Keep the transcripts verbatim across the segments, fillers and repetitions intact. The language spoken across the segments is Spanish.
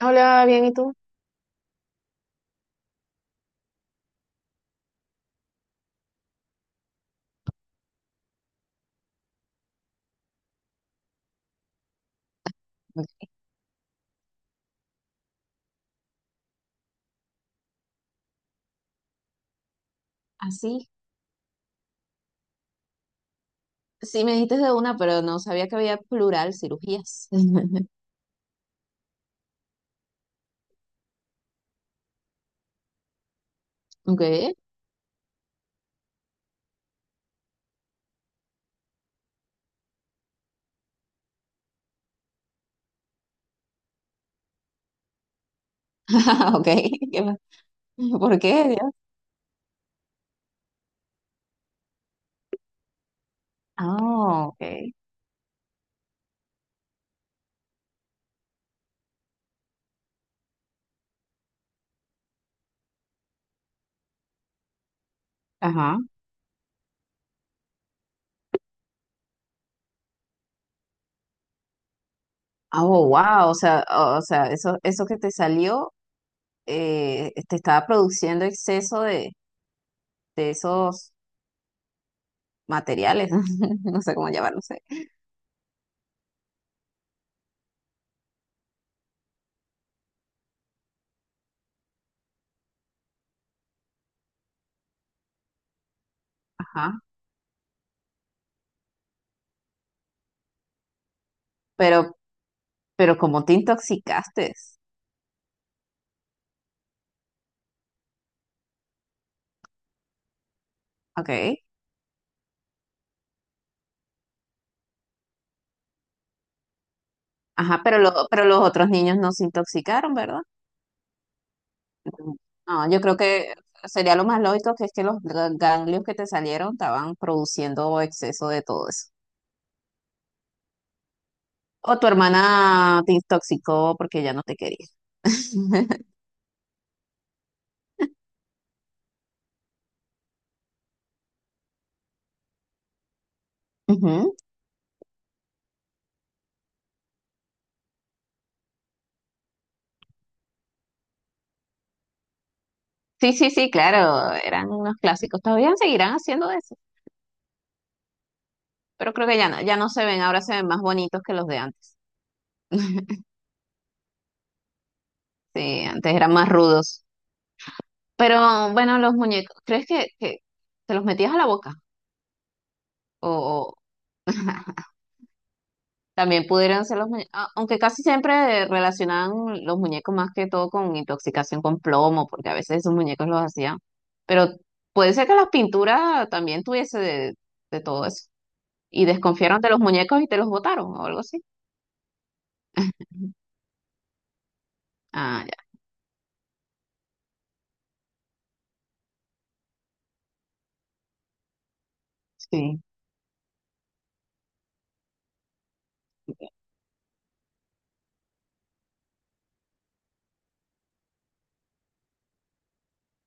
Hola, bien, ¿y tú? Así, sí me dijiste de una, pero no sabía que había plural cirugías. Ok, ok, ¿qué más? ¿Por qué, Dios? Ah, ok, ajá. Ah, oh, wow, o sea, o o sea, eso, eso que te salió, eh, te estaba produciendo exceso de, de esos materiales, no sé cómo llamarlo, no sé. Ajá, pero, pero como te intoxicaste, ok, ajá, pero, lo- pero los otros niños no se intoxicaron, ¿verdad? No, yo creo que sería lo más lógico que es que los gra- ganglios que te salieron estaban produciendo exceso de todo eso. O tu hermana te intoxicó porque ya no te quería. Ujú. Sí, sí, sí, claro, eran unos clásicos. Todavía seguirán haciendo eso, pero creo que ya no, ya no se ven, ahora se ven más bonitos que los de antes. Sí, antes eran más rudos. Pero bueno, los muñecos, ¿crees que, que te los metías a la boca? O, o- También pudieran ser los muñecos, aunque casi siempre relacionaban los muñecos más que todo con intoxicación con plomo, porque a veces esos muñecos los hacían. Pero puede ser que las pinturas también tuviese de, de todo eso. Y desconfiaron de los muñecos y te los botaron o algo así. Ah, ya. Sí,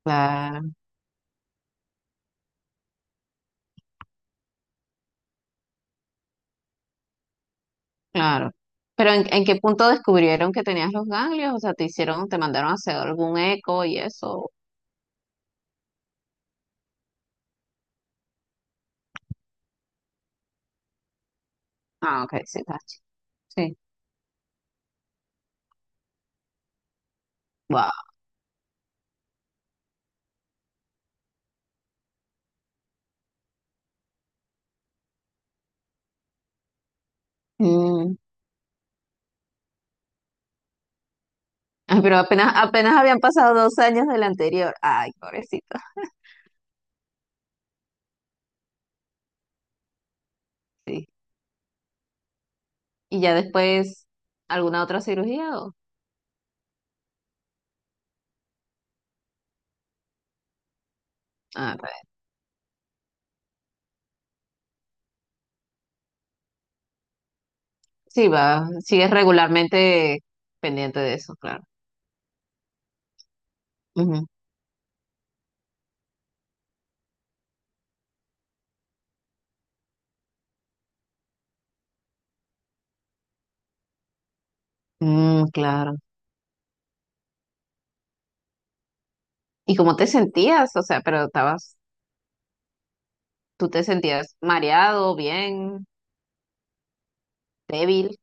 claro, claro. Pero en- en qué punto descubrieron que tenías los ganglios? O sea, te hicieron, te mandaron a hacer algún eco y eso. Ah, ok, sí, está ch- Sí. Wow. Ah, pero apenas, apenas habían pasado dos años del anterior. Ay, pobrecito. Sí. Y ya después, ¿alguna otra cirugía? ¿O? Ah, re- sí, va. Sigues regularmente pendiente de eso, claro. Ujú. Mm, claro. ¿Y cómo te sentías? O sea, pero estabas, ¿tú te sentías mareado, bien, débil?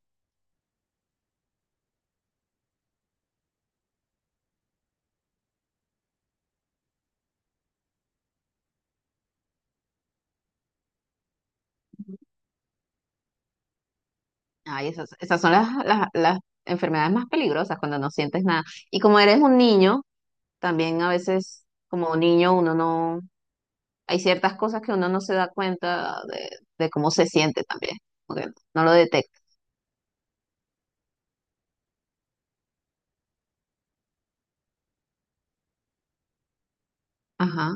Ay, esas, esas son las, las, las enfermedades más peligrosas cuando no sientes nada. Y como eres un niño, también a veces, como niño, uno no. Hay ciertas cosas que uno no se da cuenta de, de cómo se siente también, porque no lo detecta. Ajá.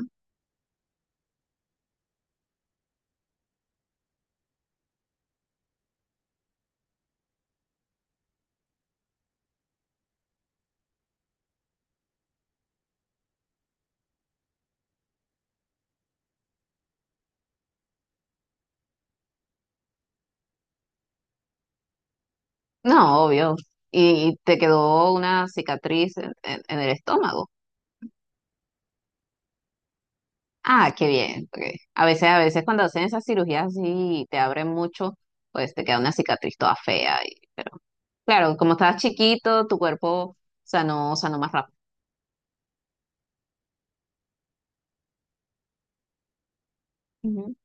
No, obvio. Y te quedó una cicatriz en, en- en el estómago. Ah, qué bien, porque A veces, a veces cuando hacen esas cirugías así y te abren mucho, pues te queda una cicatriz toda fea. y- pero claro, como estabas chiquito, tu cuerpo sanó, sanó más rápido. Ujú.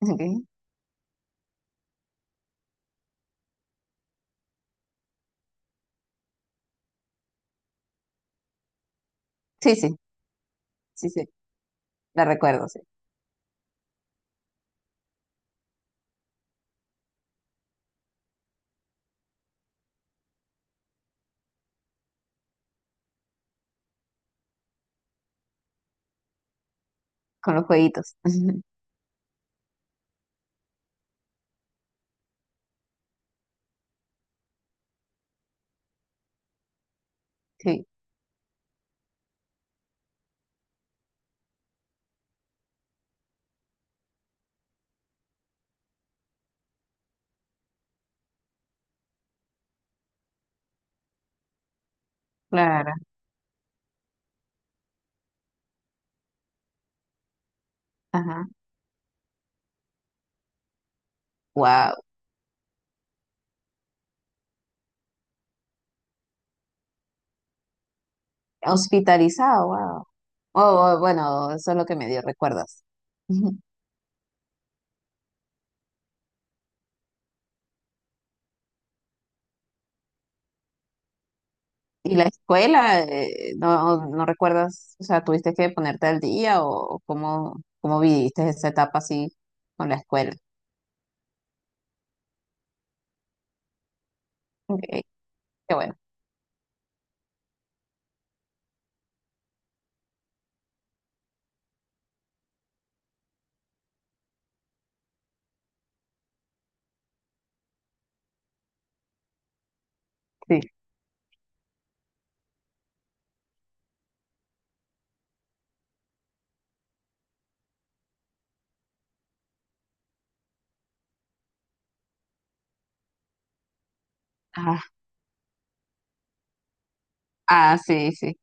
Ok. Sí, sí, sí, sí. La recuerdo, sí. Con los jueguitos. Sí, claro. Ajá. Wow. Hospitalizado, wow. Oh, oh, bueno, eso es lo que me dio, ¿recuerdas? ¿Y la escuela? eh, no, no recuerdas. O sea, ¿tuviste que ponerte al día o cómo, cómo viviste esa etapa así con la escuela? Ok, qué bueno. Sí. Ah, ah, sí, sí.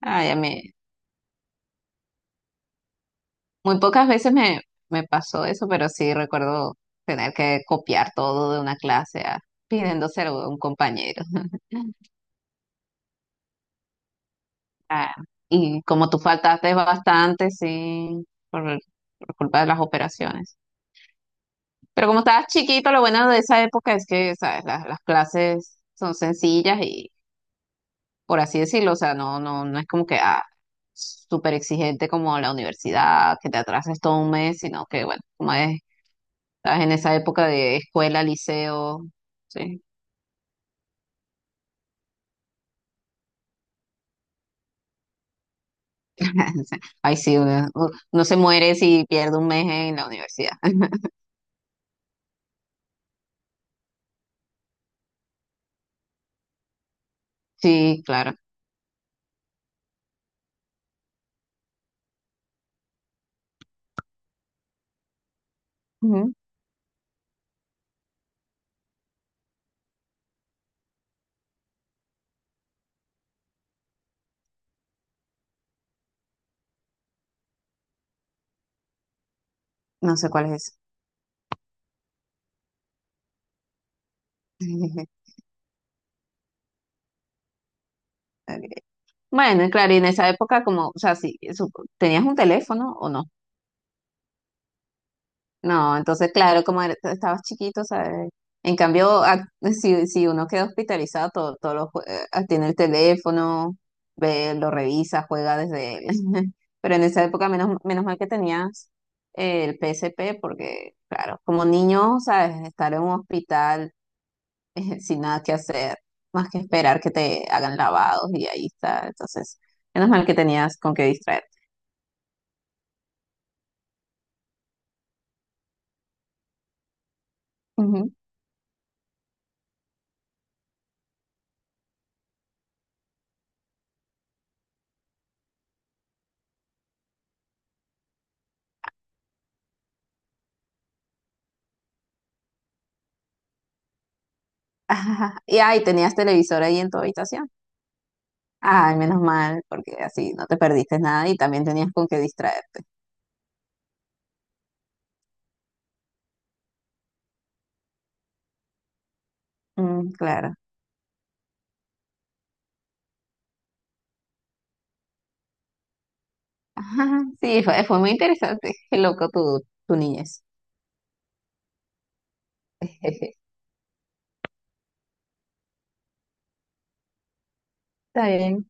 Ay, a mí muy pocas veces me, me pasó eso, pero sí recuerdo tener que copiar todo de una clase a, pidiéndoselo a un compañero. Ah, y como tú faltaste bastante, sí, por, por culpa de las operaciones. Pero como estabas chiquito, lo bueno de esa época es que, ¿sabes? Las, las clases son sencillas y, por así decirlo, o sea, no, no, no es como que ah, súper exigente como la universidad, que te atrases todo un mes, sino que, bueno, como es, estás en esa época de escuela, liceo, sí. Ay, sí, uno, uno se muere si pierde un mes en la universidad. Sí, claro. Ujú. No sé cuál es. Ok. Bueno, claro, y en esa época como, o sea, sí, su- ¿tenías un teléfono o no? No, entonces, claro, como era- estabas chiquito, ¿sabes? En cambio, ac- si, si uno queda hospitalizado, todo, todo lo, jue- eh, tiene el teléfono, ve, lo revisa, juega desde él. Pero en esa época, menos, menos mal que tenías eh, el P S P, porque, claro, como niño, ¿sabes? Estar en un hospital eh, sin nada que hacer, más que esperar que te hagan lavados y ahí está. Entonces, menos mal que tenías con qué distraerte. Ujú. Ajá. Y ahí tenías televisor ahí en tu habitación. Ay, menos mal, porque así no te perdiste nada y también tenías con qué distraerte. Mm, claro. Ajá. Sí, fue, fue muy interesante. Qué loco tu, tu niñez. Está bien.